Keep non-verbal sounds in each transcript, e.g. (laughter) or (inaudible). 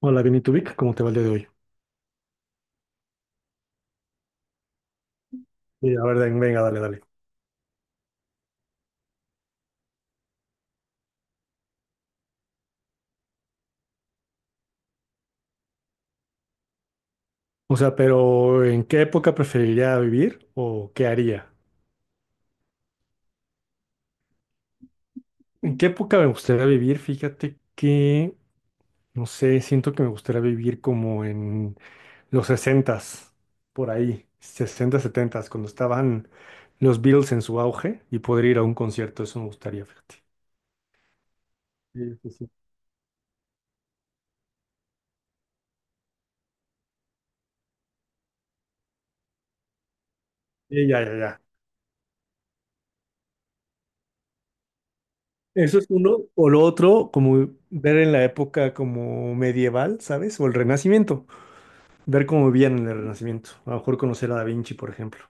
Hola, Vic, ¿cómo te va el día de hoy? Venga, dale, dale. O sea, pero ¿en qué época preferiría vivir o qué haría? ¿En qué época me gustaría vivir? Fíjate que, no sé, siento que me gustaría vivir como en los sesentas, por ahí, 60, 70, cuando estaban los Beatles en su auge y poder ir a un concierto. Eso me gustaría, fíjate. Sí, sí, sí. Sí, ya, ya, ya. Eso es uno. O lo otro, como ver en la época como medieval, ¿sabes? O el Renacimiento. Ver cómo vivían en el Renacimiento. A lo mejor conocer a Da Vinci, por ejemplo.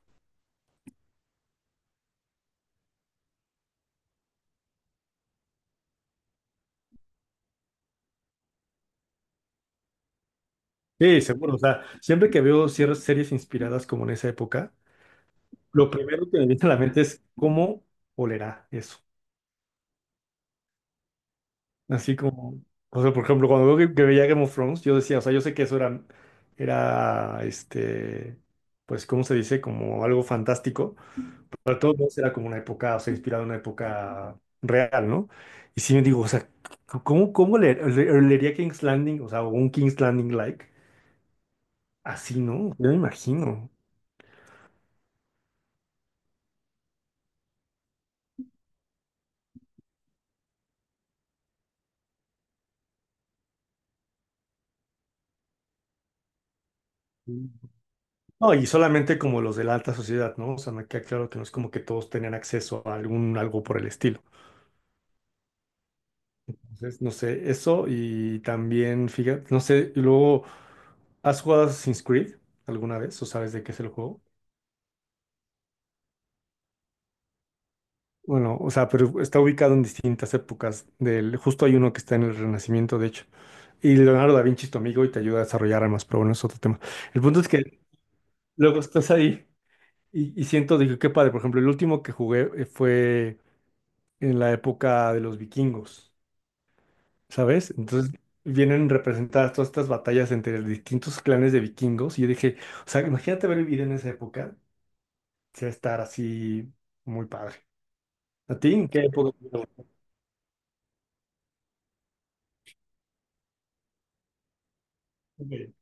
Sí, seguro. O sea, siempre que veo ciertas series inspiradas como en esa época, lo primero que me viene a la mente es cómo olerá eso. Así como, o sea, por ejemplo, cuando veo que veía Game of Thrones, yo decía, o sea, yo sé que eso era, pues, ¿cómo se dice? Como algo fantástico. Pero de todos modos era como una época, o sea, inspirada en una época real, ¿no? Y sí me digo, o sea, ¿cómo, leería King's Landing? O sea, o un King's Landing like. Así, ¿no? Yo me imagino. No, y solamente como los de la alta sociedad, ¿no? O sea, me queda claro que no es como que todos tenían acceso a algún algo por el estilo. Entonces, no sé, eso y también, fíjate, no sé, y luego, ¿has jugado Assassin's Creed alguna vez o sabes de qué es el juego? Bueno, o sea, pero está ubicado en distintas épocas del, justo hay uno que está en el Renacimiento, de hecho. Y Leonardo da Vinci es tu amigo y te ayuda a desarrollar armas, pero bueno, es otro tema. El punto es que luego estás ahí. Y siento, dije, qué padre. Por ejemplo, el último que jugué fue en la época de los vikingos, ¿sabes? Entonces vienen representadas todas estas batallas entre distintos clanes de vikingos. Y yo dije, o sea, imagínate haber vivido en esa época. Sí, estar así muy padre. ¿A ti? ¿En qué época? ¿Qué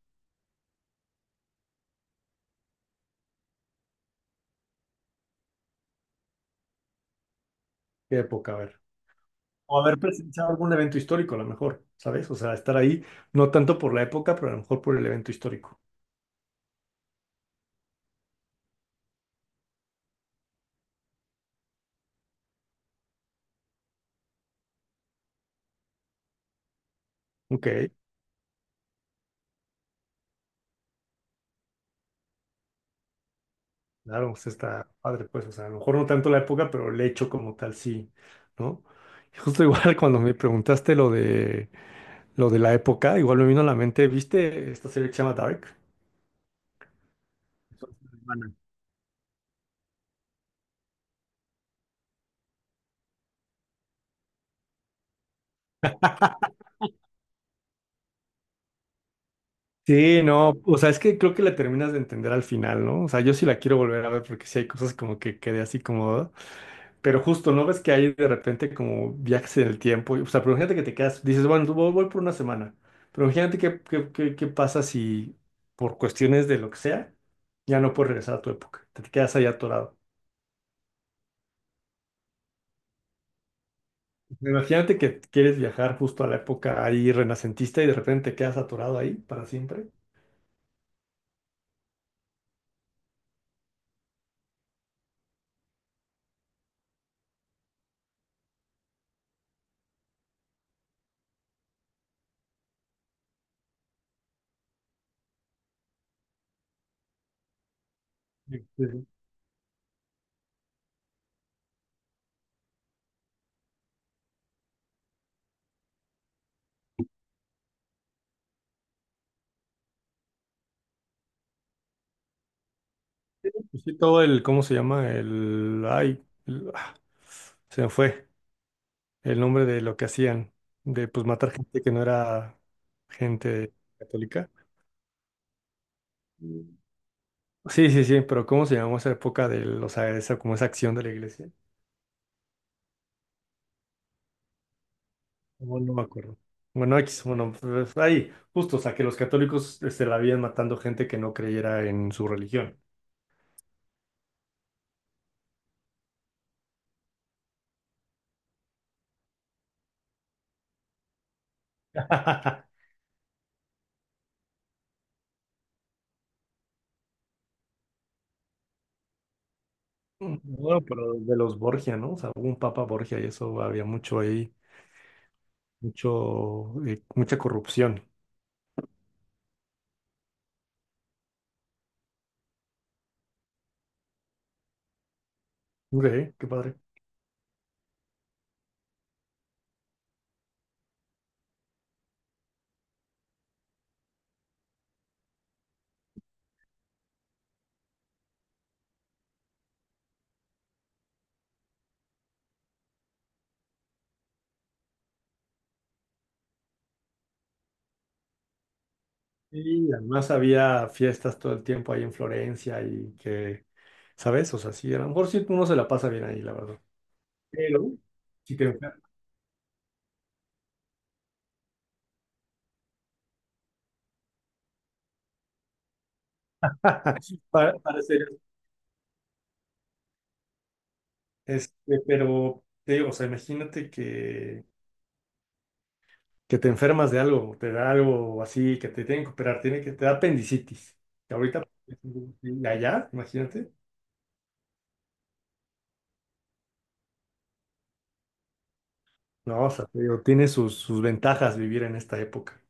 época? A ver. O haber presenciado algún evento histórico, a lo mejor, ¿sabes? O sea, estar ahí, no tanto por la época, pero a lo mejor por el evento histórico. Ok. Claro, pues está padre, pues, o sea, a lo mejor no tanto la época, pero el hecho como tal sí, ¿no? Y justo igual (laughs) cuando me preguntaste lo de la época, igual me vino a la mente, ¿viste esta serie que se llama Dark? Bueno, sí, no, o sea, es que creo que la terminas de entender al final, ¿no? O sea, yo sí la quiero volver a ver porque sí hay cosas como que quedé así como... "Ah". Pero justo, ¿no ves que hay de repente como viajes en el tiempo? O sea, pero imagínate que te quedas, dices, bueno, tú voy por una semana, pero imagínate qué pasa si por cuestiones de lo que sea, ya no puedes regresar a tu época, te quedas ahí atorado. Imagínate que quieres viajar justo a la época ahí renacentista y de repente te quedas atorado ahí para siempre. Sí, sí, sí. Pues sí, todo el, ¿cómo se llama? El, ay, el- ah, Se me fue el nombre de lo que hacían, de pues matar gente que no era gente católica. Mm. Sí, sí, sí, pero ¿cómo se llamó esa época, o sea, esa, como esa acción de la iglesia? No, no me acuerdo. Bueno, X, bueno, pues, ahí, justo, o sea, que los católicos se la habían matando gente que no creyera en su religión. (laughs) Bueno, pero de los Borgia, ¿no? O sea, hubo un Papa Borgia y eso había mucho ahí, mucho, mucha corrupción. Ok, qué padre. Y además había fiestas todo el tiempo ahí en Florencia y que, ¿sabes? O sea, sí, a lo mejor sí uno se la pasa bien ahí, la verdad. Pero, sí te (laughs) para ser, este, pero te digo, o sea, imagínate que te enfermas de algo, te da algo así, que te tienen que operar, tiene que, te da apendicitis. Que ahorita, y allá, imagínate. No, o sea, te digo, tiene sus, sus ventajas vivir en esta época.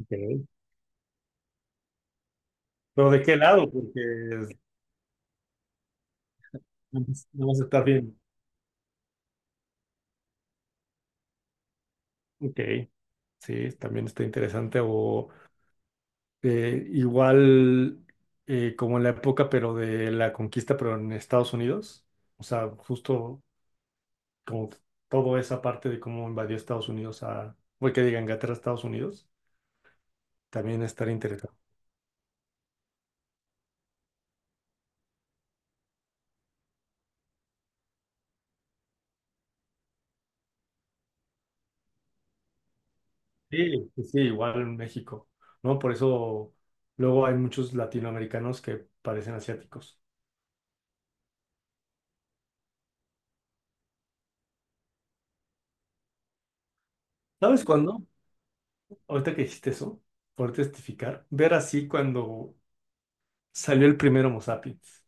Ok. Pero ¿de qué lado? Porque es- no vas a estar bien. Ok, sí, también está interesante. O igual Como en la época, pero de la conquista, pero en Estados Unidos. O sea, justo como toda esa parte de cómo invadió Estados Unidos a, voy que diga Inglaterra, a Estados Unidos, también estar interesante. Sí, sí, sí, igual en México, ¿no? Por eso luego hay muchos latinoamericanos que parecen asiáticos. ¿Sabes cuándo? Ahorita que dijiste eso, por testificar, ver así cuando salió el primer Homo sapiens.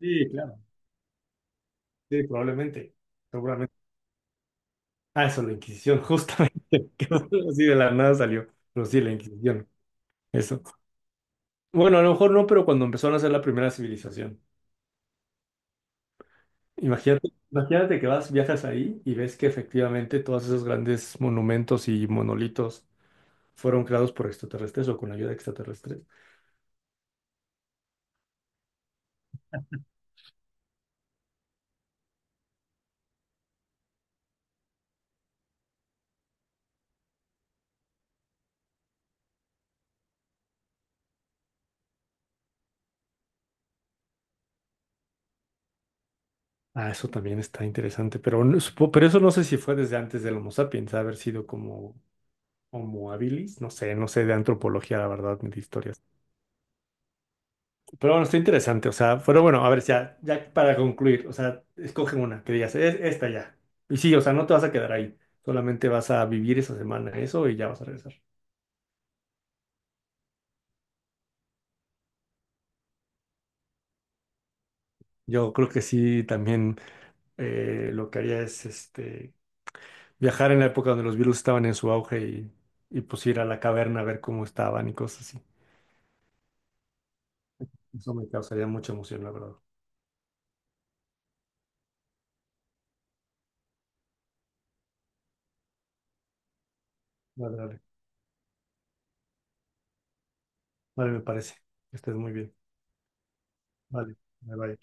Sí, claro. Sí, probablemente, seguramente. Ah, eso, la Inquisición, justamente. (laughs) Que así de la nada salió. Pero sí, la Inquisición. Eso. Bueno, a lo mejor no, pero cuando empezaron a hacer la primera civilización. Imagínate, imagínate que vas, viajas ahí y ves que efectivamente todos esos grandes monumentos y monolitos fueron creados por extraterrestres o con ayuda extraterrestre. Ah, eso también está interesante. Pero, no- supo- pero eso no sé si fue desde antes del Homo sapiens, haber sido como Homo habilis. No sé, no sé de antropología, la verdad, ni de historia. Pero bueno, está interesante. O sea, pero bueno, a ver, ya, ya para concluir, o sea, escoge una que digas, es esta ya. Y sí, o sea, no te vas a quedar ahí. Solamente vas a vivir esa semana eso y ya vas a regresar. Yo creo que sí, también lo que haría es viajar en la época donde los virus estaban en su auge y pues ir a la caverna a ver cómo estaban y cosas así. Eso me causaría mucha emoción, la verdad. Vale, vale. Vale, me parece. Que estés muy bien. Vale, bye bye.